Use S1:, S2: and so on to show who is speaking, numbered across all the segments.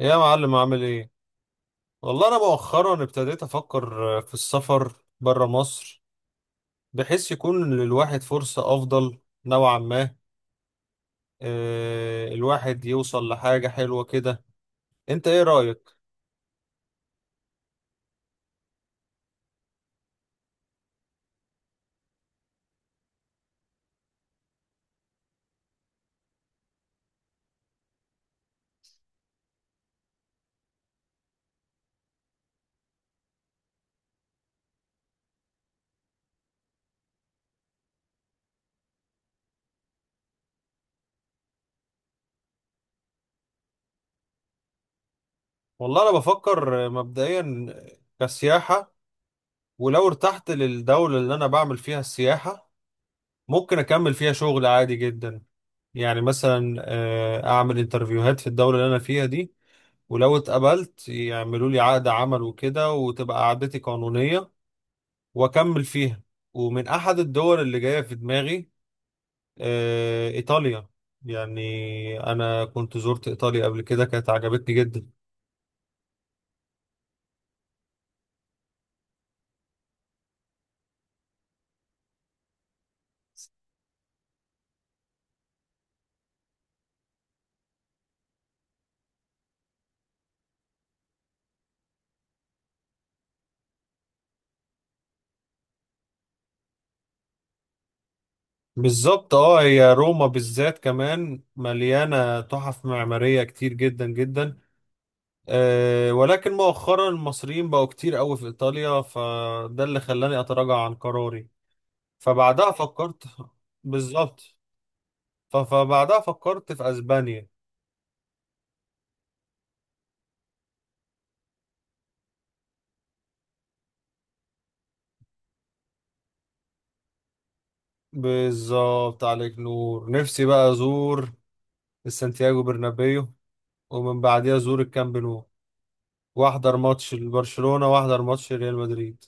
S1: يا معلم، عامل ايه؟ والله انا مؤخرا ابتديت افكر في السفر برا مصر، بحيث يكون للواحد فرصة افضل نوعا ما. الواحد يوصل لحاجة حلوة كده. انت ايه رأيك؟ والله انا بفكر مبدئيا كسياحة، ولو ارتحت للدولة اللي انا بعمل فيها السياحة ممكن اكمل فيها شغل عادي جدا. يعني مثلا اعمل انترفيوهات في الدولة اللي انا فيها دي، ولو اتقبلت يعملوا لي عقد عمل وكده وتبقى قعدتي قانونية وأكمل فيها. ومن أحد الدول اللي جاية في دماغي إيطاليا. يعني أنا كنت زرت إيطاليا قبل كده، كانت عجبتني جدا. بالظبط، هي روما بالذات كمان مليانة تحف معمارية كتير جدا جدا. ولكن مؤخرا المصريين بقوا كتير قوي في إيطاليا، فده اللي خلاني أتراجع عن قراري. فبعدها فكرت. بالظبط. فبعدها فكرت في اسبانيا. بالظبط، عليك نور. نفسي بقى ازور السانتياغو برنابيو، ومن بعديها ازور الكامب نو، واحضر ماتش لبرشلونة واحضر ماتش ريال مدريد.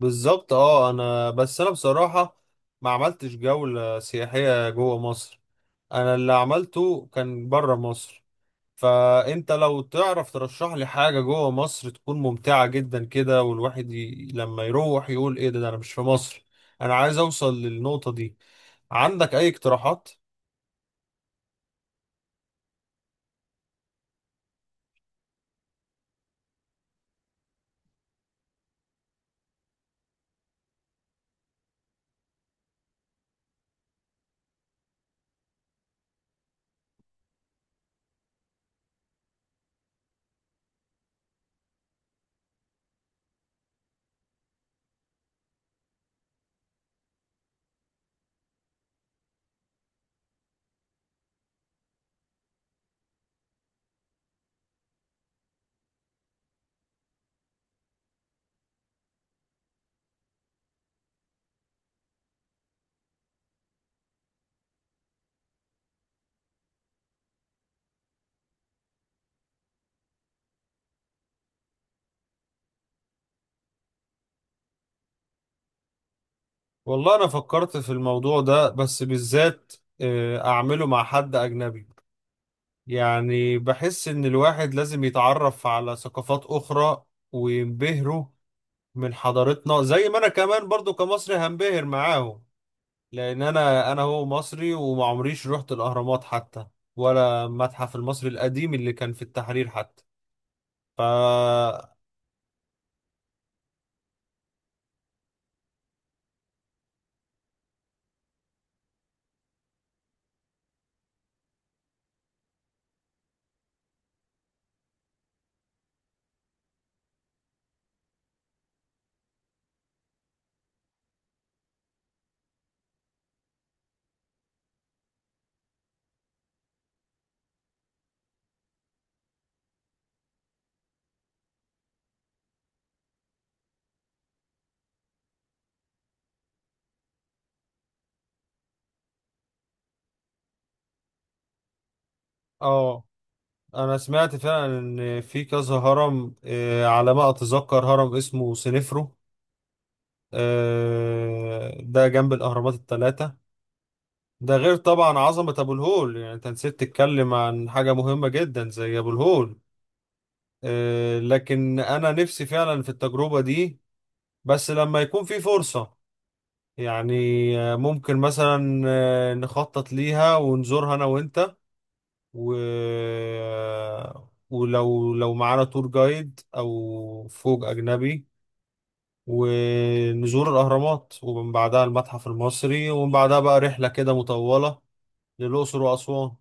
S1: بالظبط. اه انا بس انا بصراحة ما عملتش جولة سياحية جوه مصر، انا اللي عملته كان بره مصر. فانت لو تعرف ترشح لي حاجة جوه مصر تكون ممتعة جدا كده، والواحد لما يروح يقول ايه ده، ده انا مش في مصر. انا عايز اوصل للنقطة دي. عندك اي اقتراحات؟ والله انا فكرت في الموضوع ده بس بالذات اعمله مع حد اجنبي. يعني بحس ان الواحد لازم يتعرف على ثقافات اخرى وينبهروا من حضارتنا زي ما انا كمان برضو كمصري هنبهر معاهم. لان انا هو مصري وما عمريش رحت الاهرامات حتى، ولا المتحف المصري القديم اللي كان في التحرير حتى. فا اه، انا سمعت فعلا ان في كذا هرم، على ما اتذكر هرم اسمه سنفرو، ده جنب الاهرامات الثلاثه. ده غير طبعا عظمه ابو الهول، يعني انت نسيت تتكلم عن حاجه مهمه جدا زي ابو الهول. لكن انا نفسي فعلا في التجربه دي بس لما يكون في فرصه. يعني ممكن مثلا نخطط ليها ونزورها انا وانت، و... آه، ولو معانا تور جايد او فوج اجنبي ونزور الاهرامات، ومن بعدها المتحف المصري، ومن بعدها بقى رحلة كده مطولة للاقصر واسوان.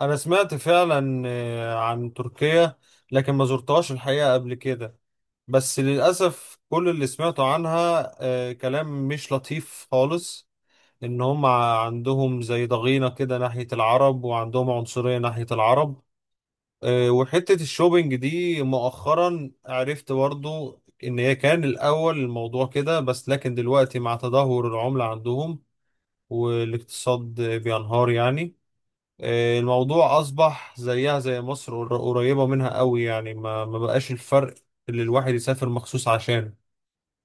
S1: انا سمعت فعلا عن تركيا، لكن ما زرتهاش الحقيقة قبل كده. بس للأسف كل اللي سمعته عنها كلام مش لطيف خالص، ان هم عندهم زي ضغينة كده ناحية العرب وعندهم عنصرية ناحية العرب. وحتة الشوبينج دي مؤخرا عرفت برضو ان هي كان الاول الموضوع كده، بس لكن دلوقتي مع تدهور العملة عندهم والاقتصاد بينهار يعني، الموضوع اصبح زيها زي مصر، قريبة منها قوي، يعني ما بقاش الفرق اللي الواحد يسافر مخصوص عشان.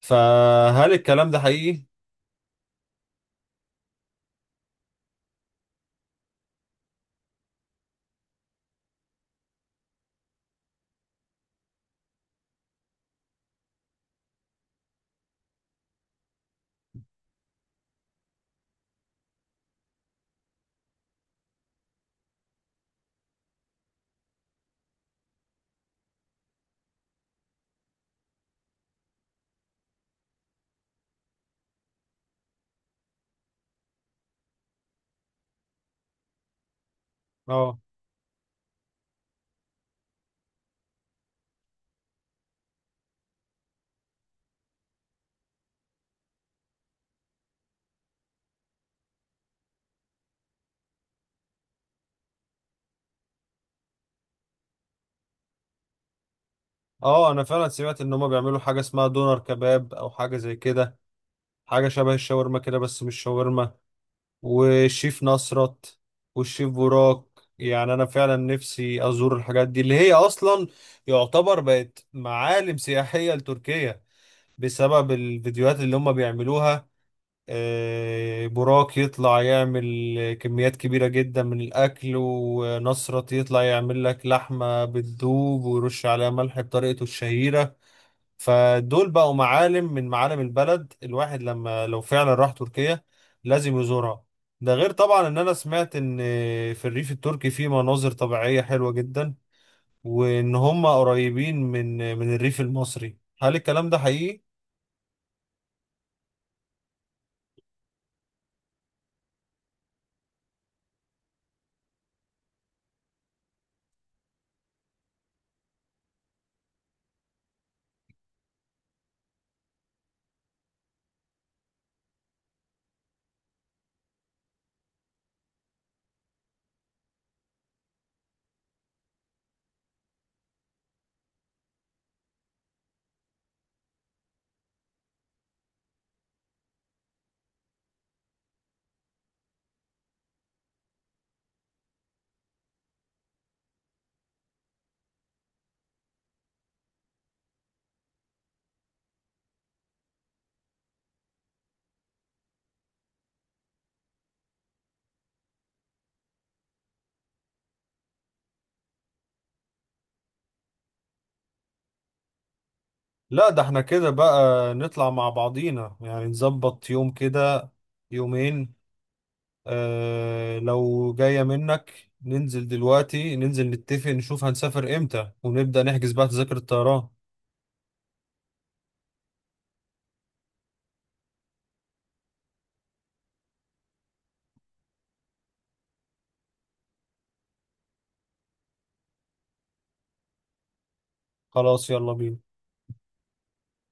S1: فهل الكلام ده حقيقي؟ اه، اه، انا فعلا سمعت ان هم بيعملوا حاجه اسمها دونر كباب او حاجه زي كده، حاجه شبه الشاورما كده بس مش شاورما، والشيف نصرت والشيف براك. يعني انا فعلا نفسي ازور الحاجات دي اللي هي اصلا يعتبر بقت معالم سياحيه لتركيا بسبب الفيديوهات اللي هم بيعملوها. براك يطلع يعمل كميات كبيرة جدا من الأكل، ونصرت يطلع يعمل لك لحمة بتدوب ويرش عليها ملح بطريقته الشهيرة. فدول بقوا معالم من معالم البلد، الواحد لما لو فعلا راح تركيا لازم يزورها. ده غير طبعا ان انا سمعت ان في الريف التركي في مناظر طبيعية حلوة جدا، وان هم قريبين من الريف المصري. هل الكلام ده حقيقي؟ لا، ده احنا كده بقى نطلع مع بعضينا، يعني نظبط يوم كده، يومين. اه، لو جاية منك ننزل دلوقتي، ننزل نتفق نشوف هنسافر امتى ونبدأ نحجز بقى تذاكر الطيران. خلاص، يلا بينا.